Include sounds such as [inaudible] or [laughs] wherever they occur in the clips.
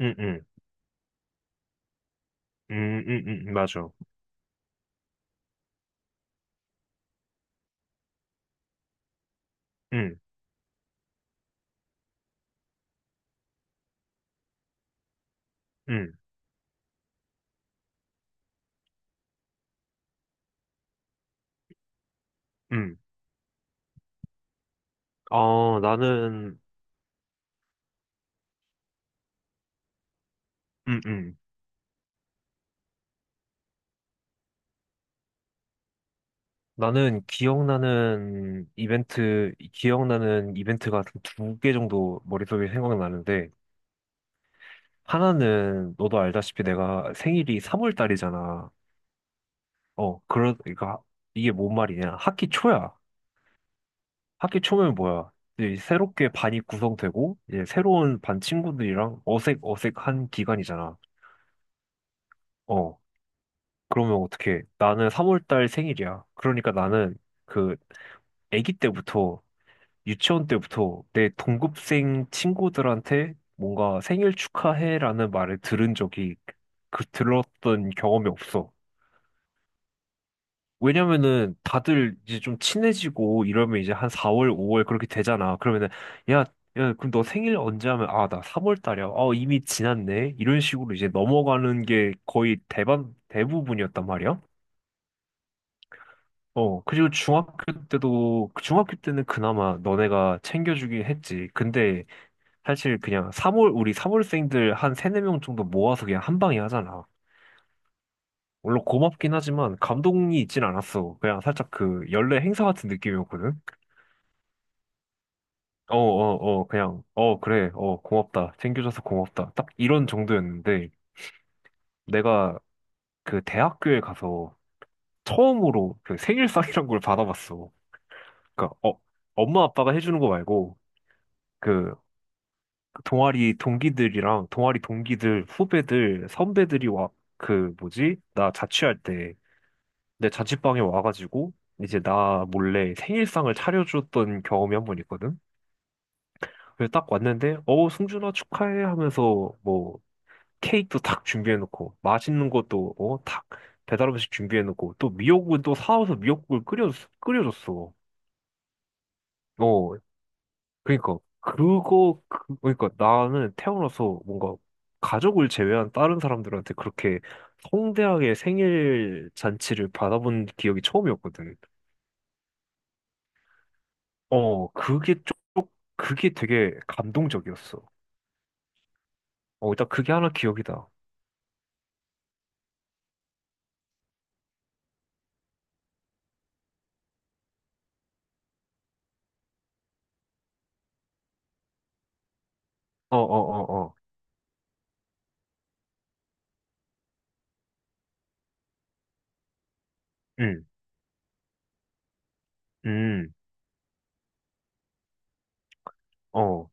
응, 응, 응, 응, 응, 맞아. 응, 응, 응. 아, 나는, 응, 응. 나는 기억나는 이벤트가 두 개 정도 머릿속에 생각나는데, 하나는 너도 알다시피 내가 생일이 3월 달이잖아. 어, 그러니까 이게 뭔 말이냐. 학기 초야. 학기 초면 뭐야. 이제 새롭게 반이 구성되고, 이제 새로운 반 친구들이랑 어색한 기간이잖아. 어. 그러면 어떻게? 나는 3월달 생일이야. 그러니까 나는 그 아기 때부터 유치원 때부터 내 동급생 친구들한테 뭔가 생일 축하해라는 말을 들은 적이 그 들었던 경험이 없어. 왜냐면은 다들 이제 좀 친해지고 이러면 이제 한 4월, 5월 그렇게 되잖아. 그러면은 야, 야, 그럼 너 생일 언제 하면 아, 나 3월 달이야. 아, 이미 지났네. 이런 식으로 이제 넘어가는 게 거의 대반 대부분이었단 말이야. 어, 그리고 중학교 때도, 그 중학교 때는 그나마 너네가 챙겨주긴 했지. 근데 사실 그냥 3월, 우리 3월생들 한 세네 명 정도 모아서 그냥 한 방에 하잖아. 물론 고맙긴 하지만 감동이 있진 않았어. 그냥 살짝 그 연례 행사 같은 느낌이었거든. 어, 어, 어, 그냥, 어, 그래, 어, 고맙다. 챙겨줘서 고맙다. 딱 이런 정도였는데 내가 그 대학교에 가서 처음으로 그 생일상이란 걸 받아봤어. 그러니까, 어, 엄마 아빠가 해주는 거 말고, 그 동아리 동기들이랑 동아리 동기들 후배들 선배들이 와 그 뭐지 나 자취할 때 내 자취방에 와가지고 이제 나 몰래 생일상을 차려줬던 경험이 한 번 있거든. 그래서 딱 왔는데 어 승준아 축하해 하면서 뭐 케이크도 딱 준비해놓고 맛있는 것도 어딱 배달 음식 준비해놓고 또 미역국을 또 사와서 미역국을 끓여줬어. 어 그러니까 그러니까 나는 태어나서 뭔가 가족을 제외한 다른 사람들한테 그렇게 성대하게 생일 잔치를 받아본 기억이 처음이었거든. 어, 그게 되게 감동적이었어. 어, 일단 그게 하나 기억이다. 어, 어, 어, 어. 음, 음, 어,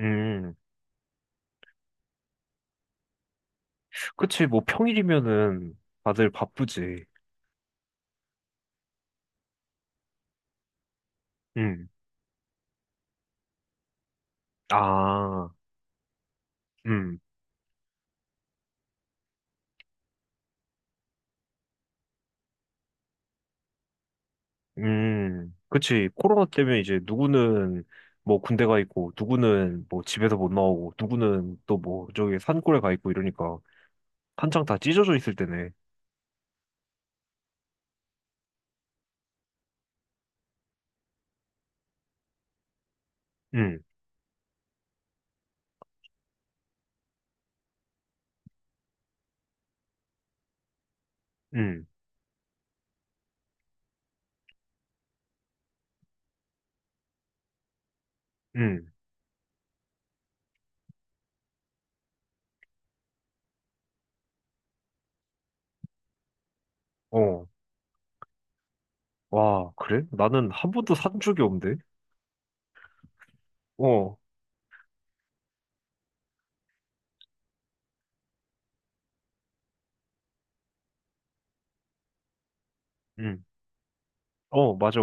음. 그치, 뭐 평일이면은 다들 바쁘지. 음, 아, 응 그치. 코로나 때문에 이제 누구는 뭐 군대 가 있고, 누구는 뭐 집에서 못 나오고, 누구는 또 뭐 저기 산골에 가 있고 이러니까 한창 다 찢어져 있을 때네. 응, 응, 응, 어. 와, 그래? 나는 한 번도 산 적이 없는데? 어, 응, 어, 맞아.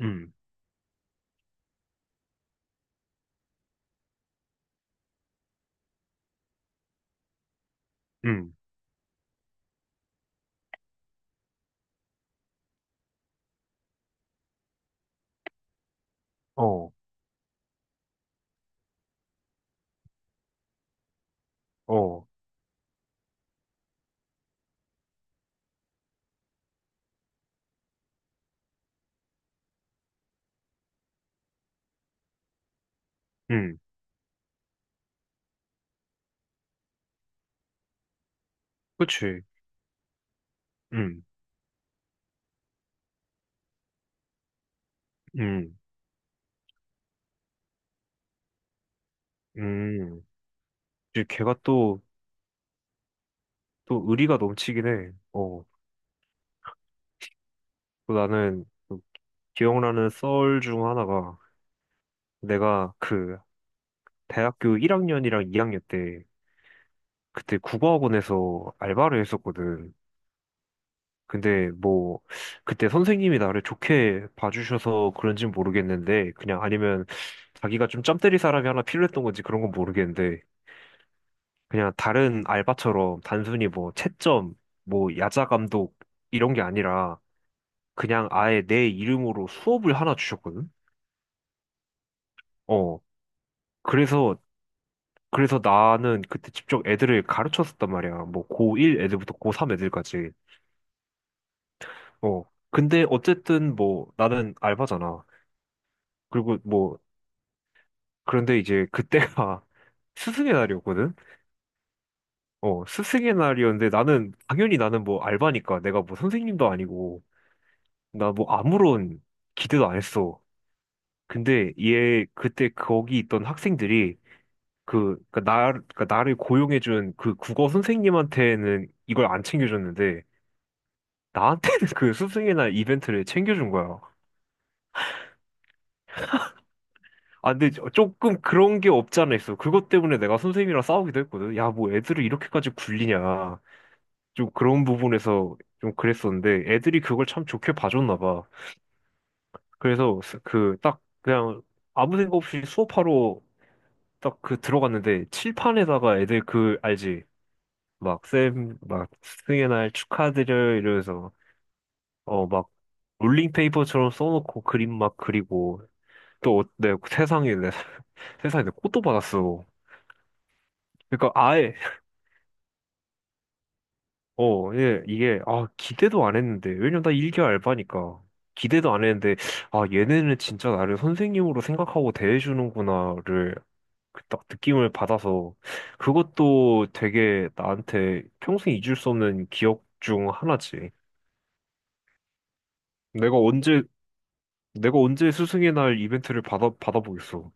응, 응, 어, 어, 응, 그치. 응, 응, 응. 이제 걔가 또, 또 의리가 넘치긴 해. 어, 또 나는 그 기억나는 썰 중 하나가 내가 그 대학교 1학년이랑 2학년 때 그때 국어학원에서 알바를 했었거든. 근데 뭐 그때 선생님이 나를 좋게 봐주셔서 그런진 모르겠는데 그냥 아니면 자기가 좀 짬 때릴 사람이 하나 필요했던 건지 그런 건 모르겠는데 그냥 다른 알바처럼 단순히 뭐 채점, 뭐 야자 감독 이런 게 아니라 그냥 아예 내 이름으로 수업을 하나 주셨거든. 어. 그래서 그래서 나는 그때 직접 애들을 가르쳤었단 말이야. 뭐 고1 애들부터 고3 애들까지. 어. 근데 어쨌든 뭐 나는 알바잖아. 그리고 뭐 그런데 이제 그때가 [laughs] 스승의 날이었거든. 어, 스승의 날이었는데 나는 당연히 나는 뭐 알바니까 내가 뭐 선생님도 아니고 나 뭐 아무런 기대도 안 했어. 근데 얘 그때 거기 있던 학생들이 그니까 나를 고용해준 그 국어 선생님한테는 이걸 안 챙겨줬는데 나한테는 그 스승이나 이벤트를 챙겨준 거야. 아, 근데 저- 조금 그런 게 없지 않아 있어. 그것 때문에 내가 선생님이랑 싸우기도 했거든. 야, 뭐 애들을 이렇게까지 굴리냐. 좀 그런 부분에서 좀 그랬었는데 애들이 그걸 참 좋게 봐줬나 봐. 그래서 그 딱 그냥 아무 생각 없이 수업하러 딱 그 들어갔는데 칠판에다가 애들 그 알지? 막 쌤, 막 스승의 날 축하드려요 이러면서 어 막 롤링페이퍼처럼 써놓고 그림 막 그리고 또 내 세상에 회사에 내 꽃도 받았어. 그러니까 아예 어, 예, 이게 아 기대도 안 했는데 왜냐면 나 1개월 알바니까 기대도 안 했는데 아 얘네는 진짜 나를 선생님으로 생각하고 대해주는구나를 그딱 느낌을 받아서 그것도 되게 나한테 평생 잊을 수 없는 기억 중 하나지. 내가 언제 내가 언제 스승의 날 이벤트를 받아보겠어.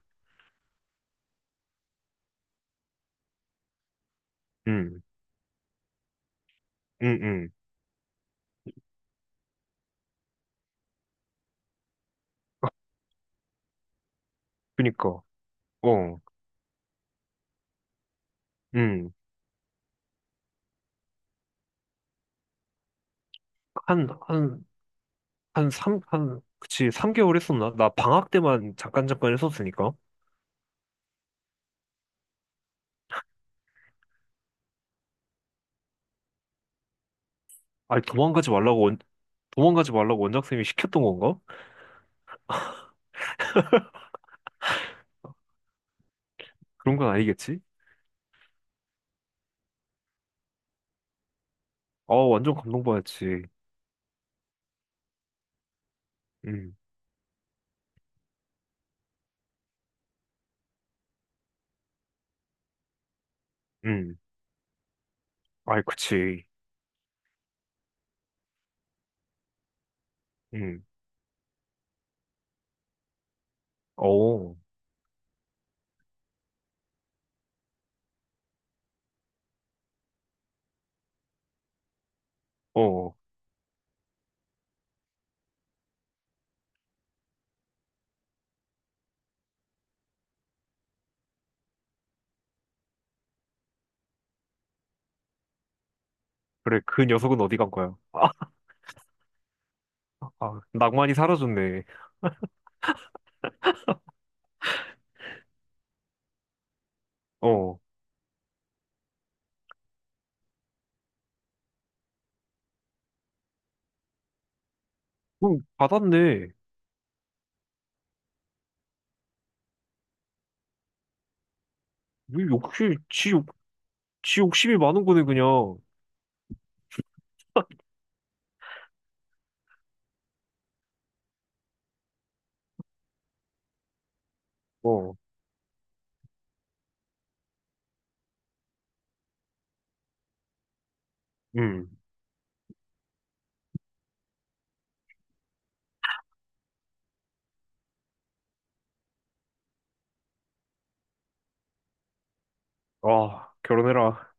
응 응 응 그니까 어, 응한한 한 삼 한, 그치, 삼개월 했었나? 나 방학 때만 잠깐 잠깐 했었으니까. 아니, 도망가지 말라고 원장쌤이 시켰던 건가? 그런 건 아니겠지? 아, 완전 감동받았지. 음, 음. 아이, 그치. 음. 어, 어. 그래, 그 녀석은 어디 간 거야? [laughs] 아, 아, 낭만이 사라졌네. 어. 응, 받았네. 왜 욕심, 지 욕, 지 욕심이 많은 거네, 그냥. 어, 음. 아, 결혼해라.